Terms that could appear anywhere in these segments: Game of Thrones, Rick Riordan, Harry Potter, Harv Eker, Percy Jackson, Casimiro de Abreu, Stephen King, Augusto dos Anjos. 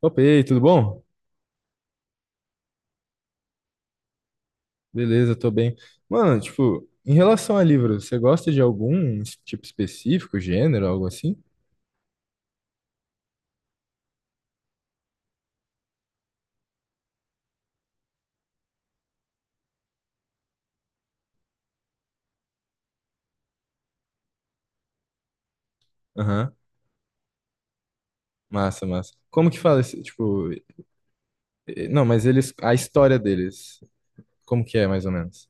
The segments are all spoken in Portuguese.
Opa, e aí, tudo bom? Beleza, tô bem. Mano, tipo, em relação a livro, você gosta de algum tipo específico, gênero, algo assim? Aham. Massa, massa. Como que fala esse, tipo, não, mas eles, a história deles, como que é, mais ou menos?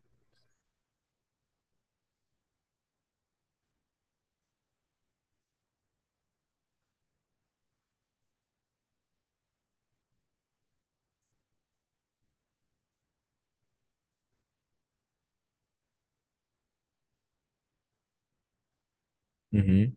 Uhum.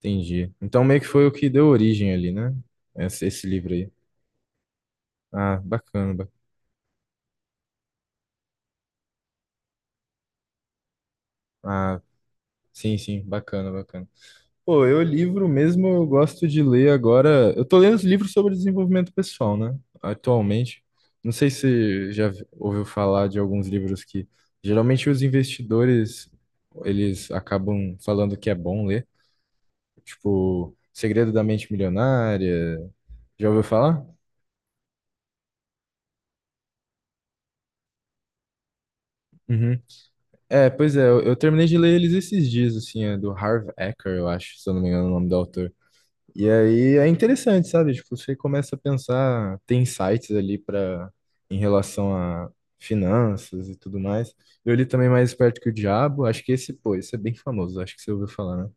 Entendi. Então meio que foi o que deu origem ali, né? Esse livro aí. Ah, bacana, bacana. Sim, sim, bacana, bacana. Pô, eu livro mesmo, eu gosto de ler agora. Eu tô lendo os livros sobre desenvolvimento pessoal, né? Atualmente. Não sei se ouviu falar de alguns livros que geralmente os investidores eles acabam falando que é bom ler, tipo Segredo da Mente Milionária. Já ouviu falar? Uhum. É, pois é, eu terminei de ler eles esses dias, assim, é do Harv Eker, eu acho, se eu não me engano, é o nome do autor. E aí é interessante, sabe? Tipo, você começa a pensar, tem sites ali para em relação a finanças e tudo mais. Eu li também Mais Esperto que o Diabo, acho que esse, pô, esse é bem famoso, acho que você ouviu falar, né?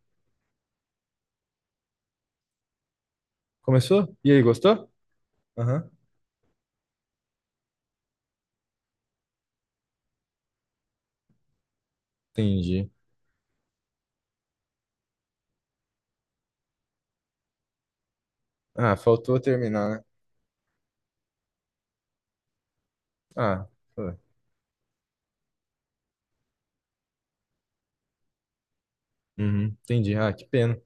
Começou? E aí, gostou? Aham, entendi. Ah, faltou terminar, né? Ah, foi. Uhum, entendi. Ah, que pena.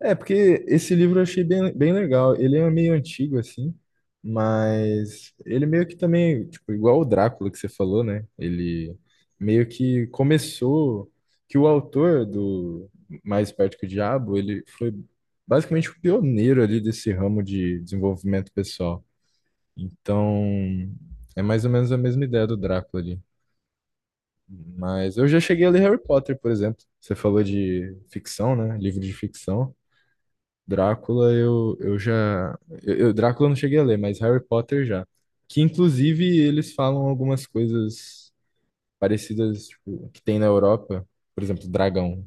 É, porque esse livro eu achei bem, bem legal. Ele é meio antigo, assim, mas ele meio que também, tipo, igual o Drácula que você falou, né? Ele meio que começou, que o autor do Mais Perto que o Diabo, ele foi basicamente o pioneiro ali desse ramo de desenvolvimento pessoal. Então, é mais ou menos a mesma ideia do Drácula ali. Mas eu já cheguei a ler Harry Potter, por exemplo. Você falou de ficção, né? Livro de ficção. Drácula eu já. Drácula eu não cheguei a ler, mas Harry Potter já. Que inclusive eles falam algumas coisas parecidas, tipo, que tem na Europa. Por exemplo, dragão,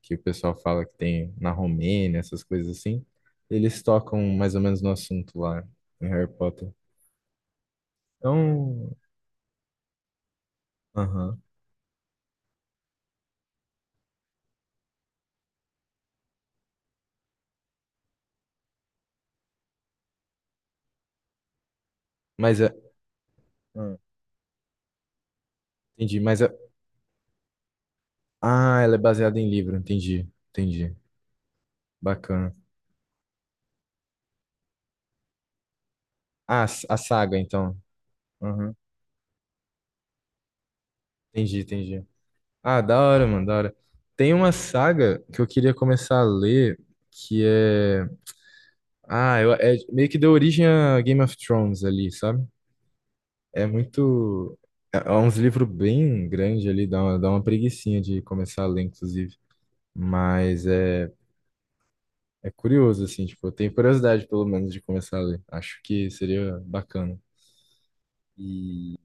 que o pessoal fala que tem na Romênia, essas coisas assim. Eles tocam mais ou menos no assunto lá em Harry Potter. Então. Aham. Mas é. Ah. Entendi. Mas é. Ah, ela é baseada em livro. Entendi. Entendi. Bacana. Ah, a saga, então. Aham. Entendi, entendi. Ah, da hora, mano, da hora. Tem uma saga que eu queria começar a ler, que é. Ah, é meio que deu origem a Game of Thrones ali, sabe? É muito. É é uns livros bem grandes ali, dá uma preguicinha de começar a ler, inclusive. Mas é, é curioso, assim, tipo, eu tenho curiosidade, pelo menos, de começar a ler. Acho que seria bacana. E.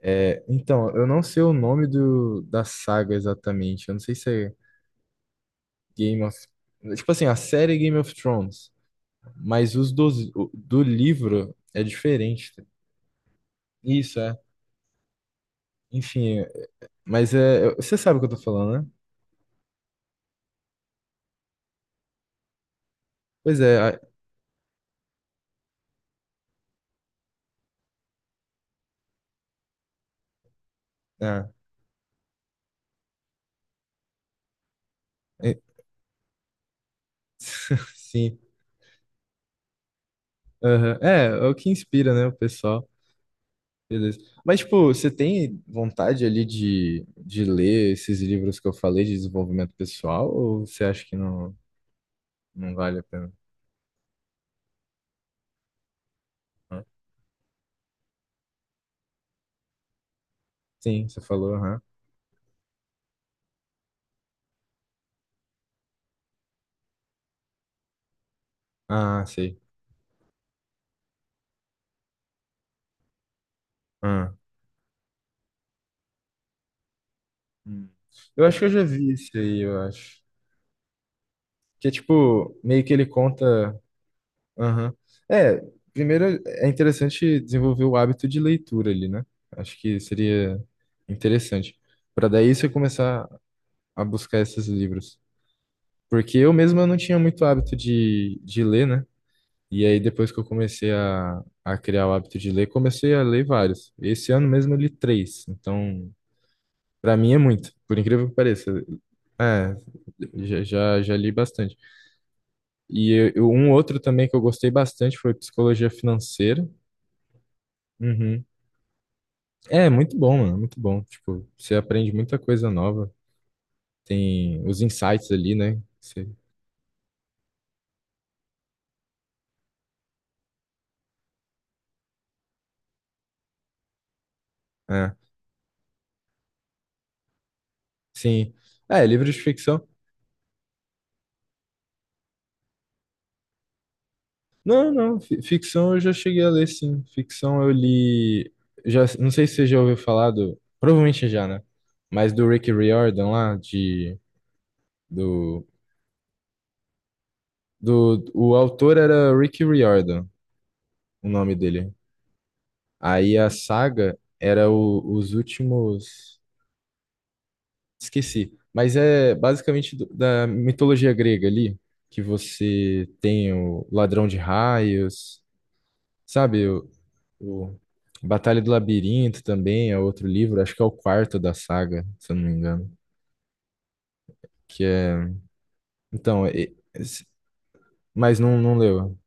É, então, eu não sei o nome do, da saga exatamente. Eu não sei se é. Game of... Tipo assim, a série Game of Thrones, mas do livro é diferente. Isso, é. Enfim, é- mas é... Você sabe o que eu tô falando, né? Pois é. A. É, é, sim. Aham. É, é o que inspira, né, o pessoal. Beleza. Mas, tipo, você tem vontade ali de ler esses livros que eu falei de desenvolvimento pessoal ou você acha que não, não vale a pena? Hã? Sim, você falou, aham. Ah, sei. Hum. Eu acho que eu já vi isso aí, eu acho. Que é tipo, meio que ele conta. Aham. É, primeiro é interessante desenvolver o hábito de leitura ali, né? Acho que seria interessante. Para daí você começar a buscar esses livros. Porque eu mesmo eu não tinha muito hábito de ler, né? E aí depois que eu comecei a criar o hábito de ler, comecei a ler vários. Esse ano mesmo eu li três. Então, para mim é muito, por incrível que pareça. É, já, já já li bastante. Um outro também que eu gostei bastante foi Psicologia Financeira. Uhum. É, muito bom, mano, muito bom. Tipo, você aprende muita coisa nova. Tem os insights ali, né? Você- é, sim. É, livro de ficção. Não, não, ficção eu já cheguei a ler, sim. Ficção eu li. Já, não sei se você já ouviu falar do. Provavelmente já, né? Mas do Rick Riordan lá, de. Do, do, o autor era Rick Riordan, o nome dele. Aí a saga era os últimos. Esqueci. Mas é basicamente da mitologia grega ali, que você tem o Ladrão de Raios, sabe? O Batalha do Labirinto também é outro livro, acho que é o quarto da saga, se eu não me engano. Que é. Então, mas não, não leu.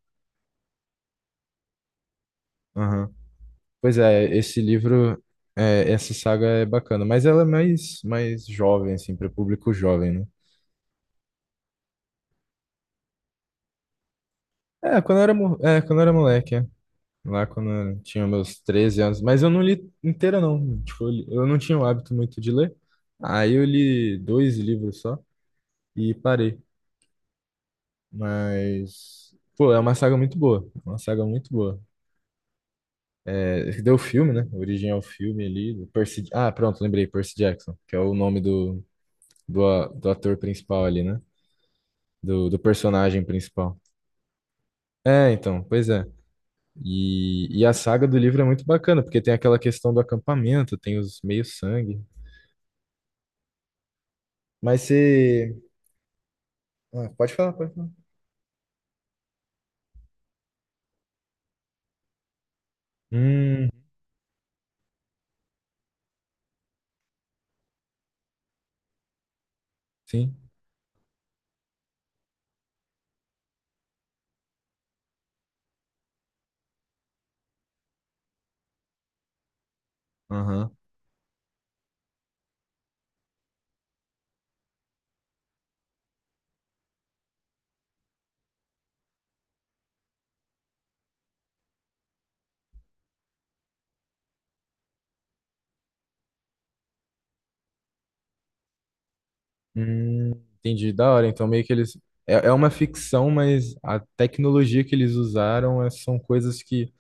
Aham. Pois é, esse livro, é, essa saga é bacana, mas ela é mais, mais jovem, assim, para público jovem, né? É, quando eu era, é, quando eu era moleque, é. Lá quando eu tinha meus 13 anos. Mas eu não li inteira, não. Tipo, eu, eu não tinha o hábito muito de ler. Aí eu li dois livros só e parei. Mas, pô, é uma saga muito boa. Uma saga muito boa. É, deu filme, né? O original filme ali. Do Percy, ah, pronto, lembrei. Percy Jackson, que é o nome do, do ator principal ali, né? Do personagem principal. É, então, pois é. E a saga do livro é muito bacana, porque tem aquela questão do acampamento, tem os meio-sangue. Mas você. Ah, pode falar, pode falar. Hum, sim. Aham. Hum, entendi. Da hora. Então, meio que eles. É, é uma ficção, mas a tecnologia que eles usaram são coisas que,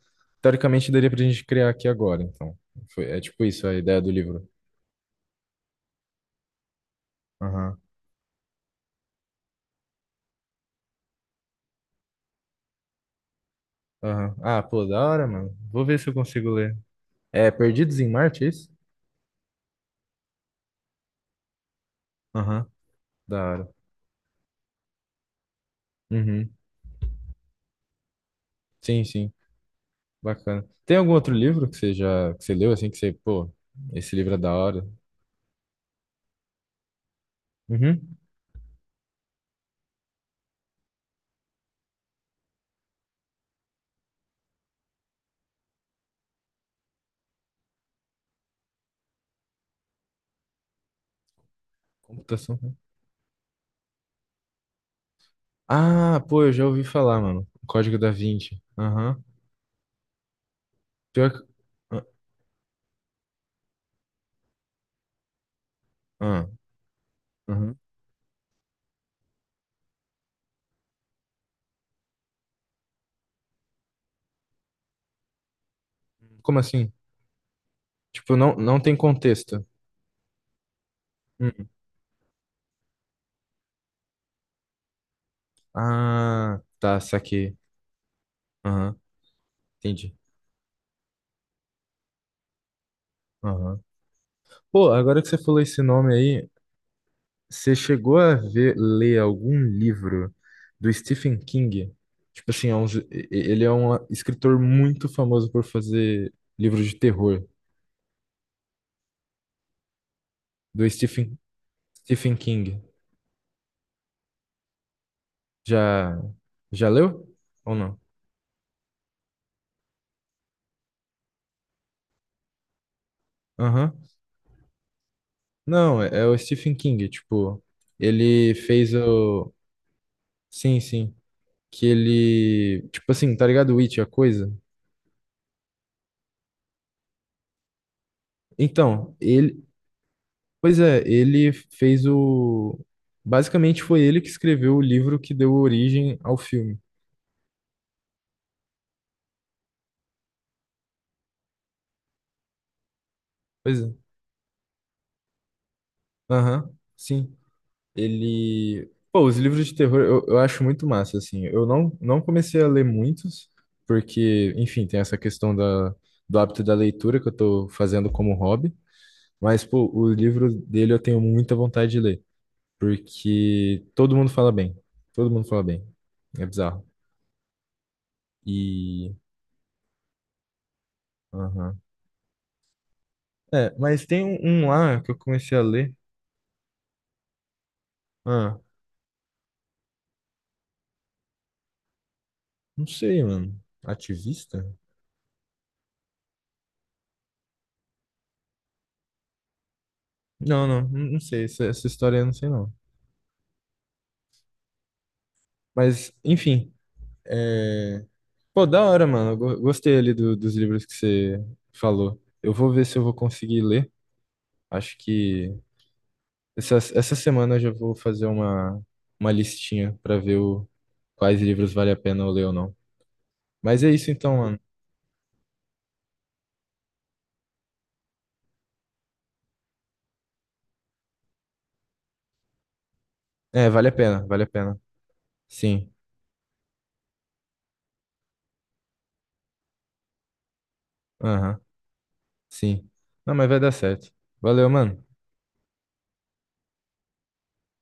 teoricamente, daria pra gente criar aqui agora. Então, foi, é tipo isso a ideia do livro. Aham. Aham. Ah, pô, da hora, mano. Vou ver se eu consigo ler. É Perdidos em Marte, é isso? Aham. Da hora. Uhum. Sim, sim. Bacana. Tem algum outro livro que você já que você leu assim que você, pô, esse livro é da hora? Uhum. Computação. Né? Ah, pô, eu já ouvi falar, mano. Código da Vinci. Aham. Pior que... Ah, ah, aham. Como assim? Tipo, não, não tem contexto. Hum. Ah, tá, saquei. Aham, entendi. Aham. Pô, agora que você falou esse nome aí, você chegou a ver, ler algum livro do Stephen King? Tipo assim, é um ele é um escritor muito famoso por fazer livros de terror, do Stephen, Stephen King. Já, já leu? Ou não? Aham. Não, é, é o Stephen King, tipo, ele fez o... Sim, sim. Que ele... Tipo assim, tá ligado? It, a coisa? Então, ele, pois é, ele fez o. Basicamente foi ele que escreveu o livro que deu origem ao filme. Pois é. Aham, sim. Ele. Pô, os livros de terror eu acho muito massa, assim. Eu não, não comecei a ler muitos, porque, enfim, tem essa questão da, do hábito da leitura que eu tô fazendo como hobby. Mas, pô, o livro dele eu tenho muita vontade de ler, porque todo mundo fala bem. Todo mundo fala bem. É bizarro. E. Aham. É, mas tem um, um lá que eu comecei a ler. Ah, não sei, mano. Ativista? Não, não, não sei. Essa história eu não sei, não. Mas, enfim. É... Pô, da hora, mano. Eu gostei ali dos livros que você falou. Eu vou ver se eu vou conseguir ler. Acho que essa semana eu já vou fazer uma listinha pra ver o, quais livros vale a pena eu ler ou não. Mas é isso então, mano. É, vale a pena, vale a pena. Sim, aham, sim. Não, mas vai dar certo. Valeu, mano.